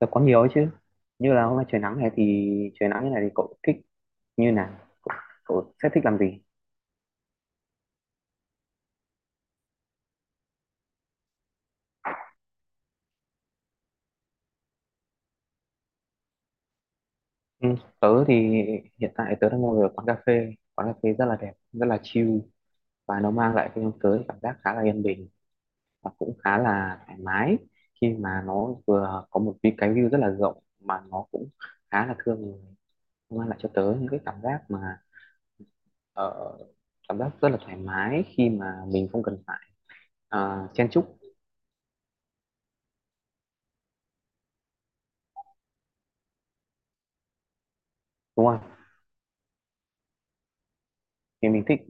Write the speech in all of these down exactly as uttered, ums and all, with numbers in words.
Là có nhiều ấy chứ. Như là hôm nay trời nắng này thì trời nắng như này thì cậu thích như nào? Cậu, cậu sẽ thích làm gì? Ừ, tớ thì hiện tại tớ đang ngồi ở quán cà phê, quán cà phê rất là đẹp, rất là chill, và nó mang lại cho tớ cảm giác khá là yên bình và cũng khá là thoải mái, khi mà nó vừa có một cái cái view rất là rộng mà nó cũng khá là thương người. Nó mang lại cho tớ những cái cảm giác mà ờ, cảm giác rất là thoải mái khi mà mình không cần phải ờ, chen chúc. Đúng không? Thì mình thích.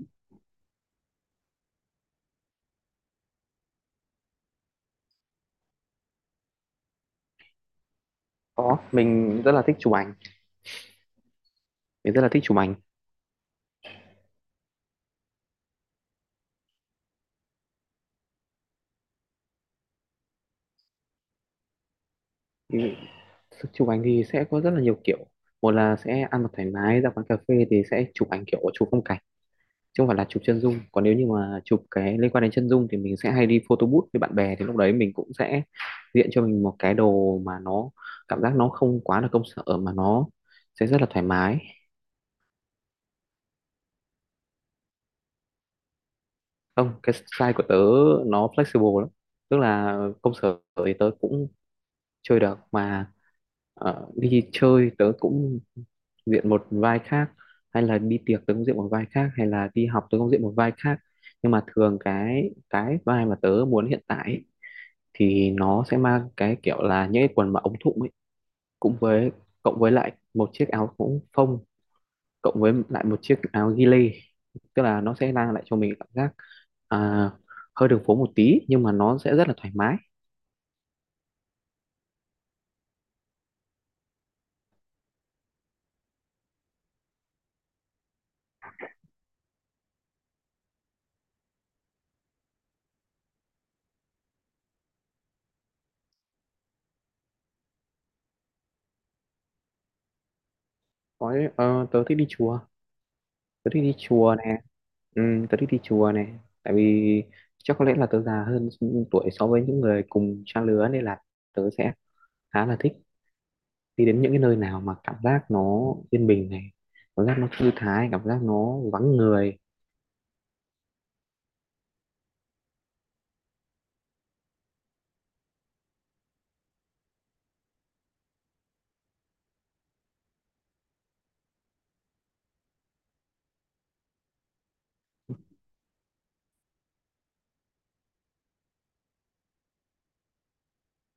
Có, mình rất là thích chụp ảnh, mình rất là thích chụp ảnh. Thì chụp ảnh thì sẽ có rất là nhiều kiểu. Một là sẽ ăn mặc thoải mái ra quán cà phê thì sẽ chụp ảnh kiểu chụp phong cảnh, chứ không phải là chụp chân dung. Còn nếu như mà chụp cái liên quan đến chân dung thì mình sẽ hay đi photo booth với bạn bè, thì lúc đấy mình cũng sẽ diện cho mình một cái đồ mà nó cảm giác nó không quá là công sở mà nó sẽ rất là thoải mái. Không, cái style của tớ nó flexible lắm. Tức là công sở thì tớ cũng chơi được, mà ờ, đi chơi tớ cũng diện một vai khác, hay là đi tiệc tớ cũng diện một vai khác, hay là đi học tớ cũng diện một vai khác, nhưng mà thường cái cái vai mà tớ muốn hiện tại ấy, thì nó sẽ mang cái kiểu là những cái quần mà ống thụng ấy, cũng với cộng với lại một chiếc áo cũng phông, cộng với lại một chiếc áo ghi lê, tức là nó sẽ mang lại cho mình cảm giác à, hơi đường phố một tí nhưng mà nó sẽ rất là thoải mái. Có, ờ, tớ thích đi chùa, tớ thích đi chùa nè. Ừ, tớ thích đi chùa nè, tại vì chắc có lẽ là tớ già hơn tuổi so với những người cùng trang lứa, nên là tớ sẽ khá là thích đi đến những cái nơi nào mà cảm giác nó yên bình này, cảm giác nó thư thái, cảm giác nó vắng người.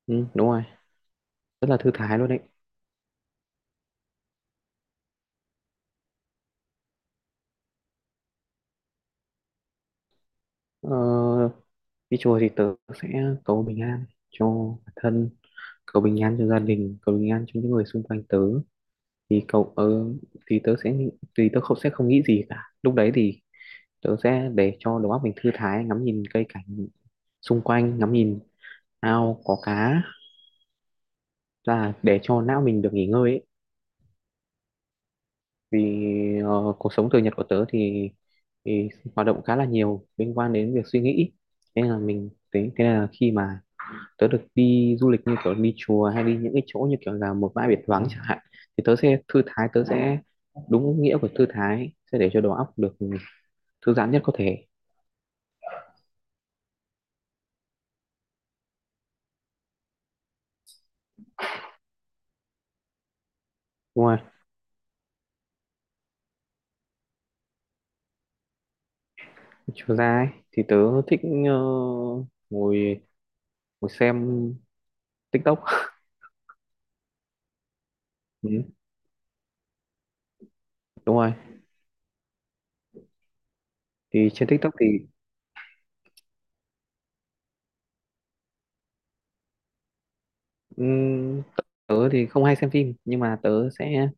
Ừ, đúng rồi, rất là thư thái luôn đấy. ờ, Đi chùa thì tớ sẽ cầu bình an cho bản thân, cầu bình an cho gia đình, cầu bình an cho những người xung quanh tớ. thì cậu ờ, thì tớ sẽ thì tớ không sẽ không nghĩ gì cả lúc đấy, thì tớ sẽ để cho đầu óc mình thư thái, ngắm nhìn cây cảnh xung quanh, ngắm nhìn ao có cá, là để cho não mình được nghỉ ngơi ấy. Vì ờ, cuộc sống thường nhật của tớ thì, thì hoạt động khá là nhiều liên quan đến việc suy nghĩ, thế là mình thế, thế là khi mà tớ được đi du lịch như kiểu đi chùa, hay đi những cái chỗ như kiểu là một bãi biển vắng chẳng hạn, thì tớ sẽ thư thái, tớ sẽ đúng nghĩa của thư thái, sẽ để cho đầu óc được thư giãn nhất có thể. Đúng không ạ? Chiều ra ấy, thì tớ thích ờ, ngồi ngồi xem tik tok. Ừ, đúng rồi. Thì trên tik tok thì ừm, tớ thì không hay xem phim, nhưng mà tớ sẽ,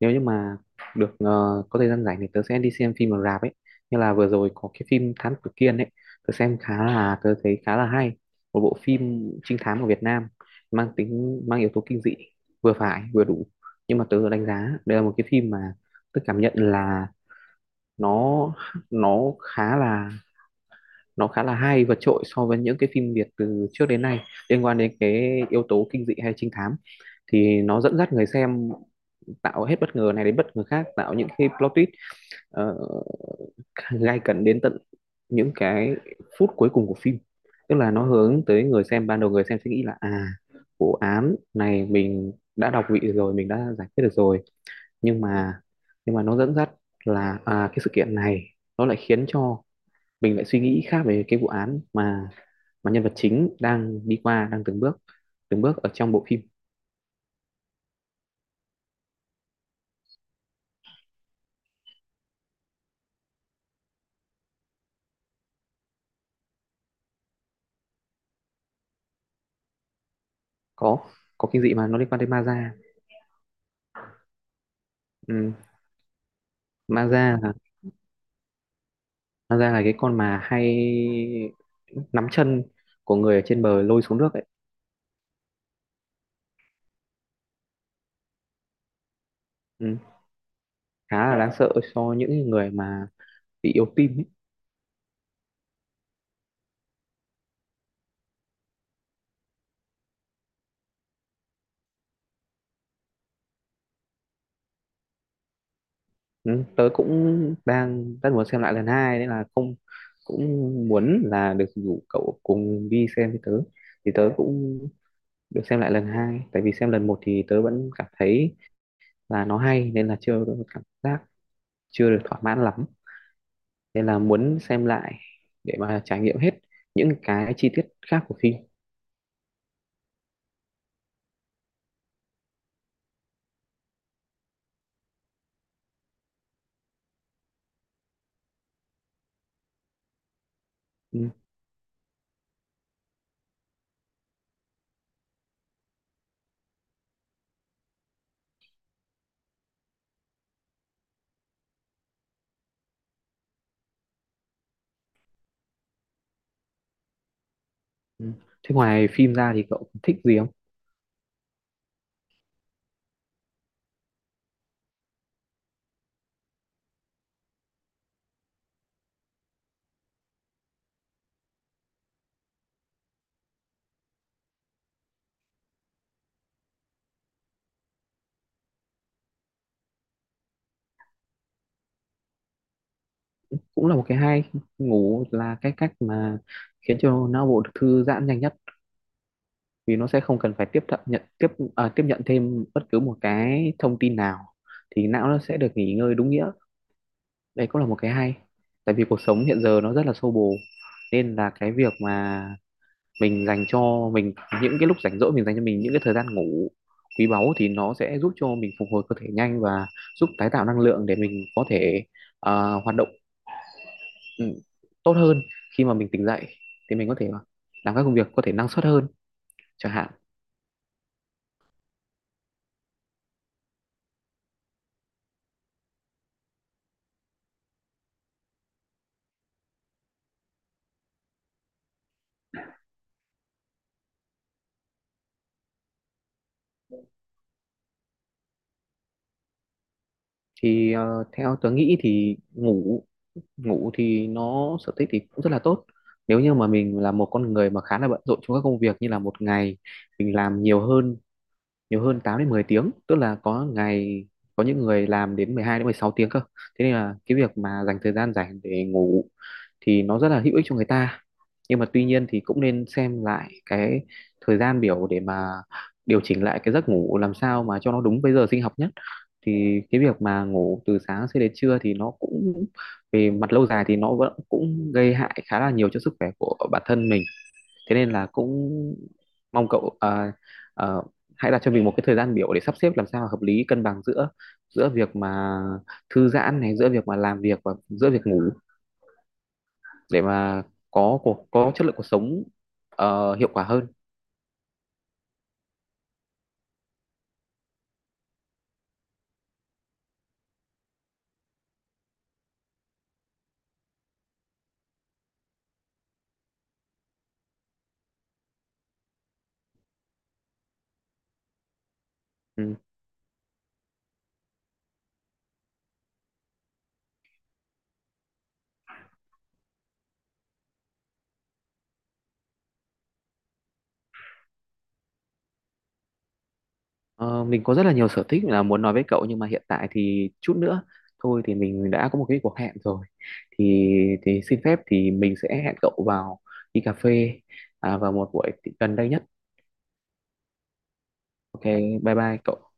nếu như mà được ờ, có thời gian rảnh, thì tớ sẽ đi xem phim ở rạp ấy. Như là vừa rồi có cái phim Thám Tử Kiên ấy, tớ xem khá là, tớ thấy khá là hay. Một bộ phim trinh thám của Việt Nam, mang tính mang yếu tố kinh dị vừa phải vừa đủ, nhưng mà tớ đánh giá đây là một cái phim mà tớ cảm nhận là nó nó khá là nó khá là hay, vượt trội so với những cái phim Việt từ trước đến nay liên quan đến cái yếu tố kinh dị hay trinh thám. Thì nó dẫn dắt người xem, tạo hết bất ngờ này đến bất ngờ khác, tạo những cái plot twist ờ, gay cấn đến tận những cái phút cuối cùng của phim. Tức là nó hướng tới người xem, ban đầu người xem sẽ nghĩ là à, vụ án này mình đã đọc vị rồi, mình đã giải quyết được rồi, nhưng mà nhưng mà nó dẫn dắt là à, cái sự kiện này nó lại khiến cho mình lại suy nghĩ khác về cái vụ án mà mà nhân vật chính đang đi qua, đang từng bước từng bước ở trong bộ phim. có có kinh dị, mà nó liên quan tới ma da. Ừ. Ma da là, ma da là cái con mà hay nắm chân của người ở trên bờ lôi xuống nước ấy. Ừ. Khá là đáng sợ cho những người mà bị yếu tim ấy. Ừ. Tớ cũng đang rất muốn xem lại lần hai nên là không, cũng muốn là được rủ cậu cùng đi xem với tớ, thì tớ cũng được xem lại lần hai. Tại vì xem lần một thì tớ vẫn cảm thấy là nó hay, nên là chưa có một cảm giác, chưa được thỏa mãn lắm, nên là muốn xem lại để mà trải nghiệm hết những cái chi tiết khác của phim. Ừ. Ừ. Thế ngoài phim ra thì cậu thích gì không? Cũng là một cái hay. Ngủ là cái cách mà khiến cho não bộ được thư giãn nhanh nhất, vì nó sẽ không cần phải tiếp thận nhận tiếp à, tiếp nhận thêm bất cứ một cái thông tin nào, thì não nó sẽ được nghỉ ngơi đúng nghĩa. Đấy cũng là một cái hay. Tại vì cuộc sống hiện giờ nó rất là xô bồ, nên là cái việc mà mình dành cho mình những cái lúc rảnh rỗi, mình dành cho mình những cái thời gian ngủ quý báu, thì nó sẽ giúp cho mình phục hồi cơ thể nhanh, và giúp tái tạo năng lượng để mình có thể à, hoạt động ừ, tốt hơn. Khi mà mình tỉnh dậy thì mình có thể làm các công việc có thể năng suất hơn chẳng hạn. Thì ờ, theo tớ nghĩ thì ngủ ngủ thì nó sở thích thì cũng rất là tốt, nếu như mà mình là một con người mà khá là bận rộn trong các công việc, như là một ngày mình làm nhiều hơn nhiều hơn tám đến mười tiếng, tức là có ngày có những người làm đến mười hai đến mười sáu tiếng cơ. Thế nên là cái việc mà dành thời gian rảnh để ngủ thì nó rất là hữu ích cho người ta, nhưng mà tuy nhiên thì cũng nên xem lại cái thời gian biểu để mà điều chỉnh lại cái giấc ngủ làm sao mà cho nó đúng với giờ sinh học nhất. Thì cái việc mà ngủ từ sáng cho đến trưa thì nó cũng, về mặt lâu dài thì nó vẫn cũng gây hại khá là nhiều cho sức khỏe của bản thân mình. Thế nên là cũng mong cậu à, à, hãy đặt cho mình một cái thời gian biểu để sắp xếp làm sao hợp lý, cân bằng giữa giữa việc mà thư giãn này, giữa việc mà làm việc, và giữa việc ngủ, để mà có cuộc có chất lượng cuộc sống ờ, hiệu quả hơn. Ừ. Ờ, mình có rất là nhiều sở thích là muốn nói với cậu, nhưng mà hiện tại thì chút nữa thôi thì mình đã có một cái cuộc hẹn rồi, thì thì xin phép thì mình sẽ hẹn cậu vào đi cà phê à, vào một buổi gần đây nhất. OK, bye bye cậu.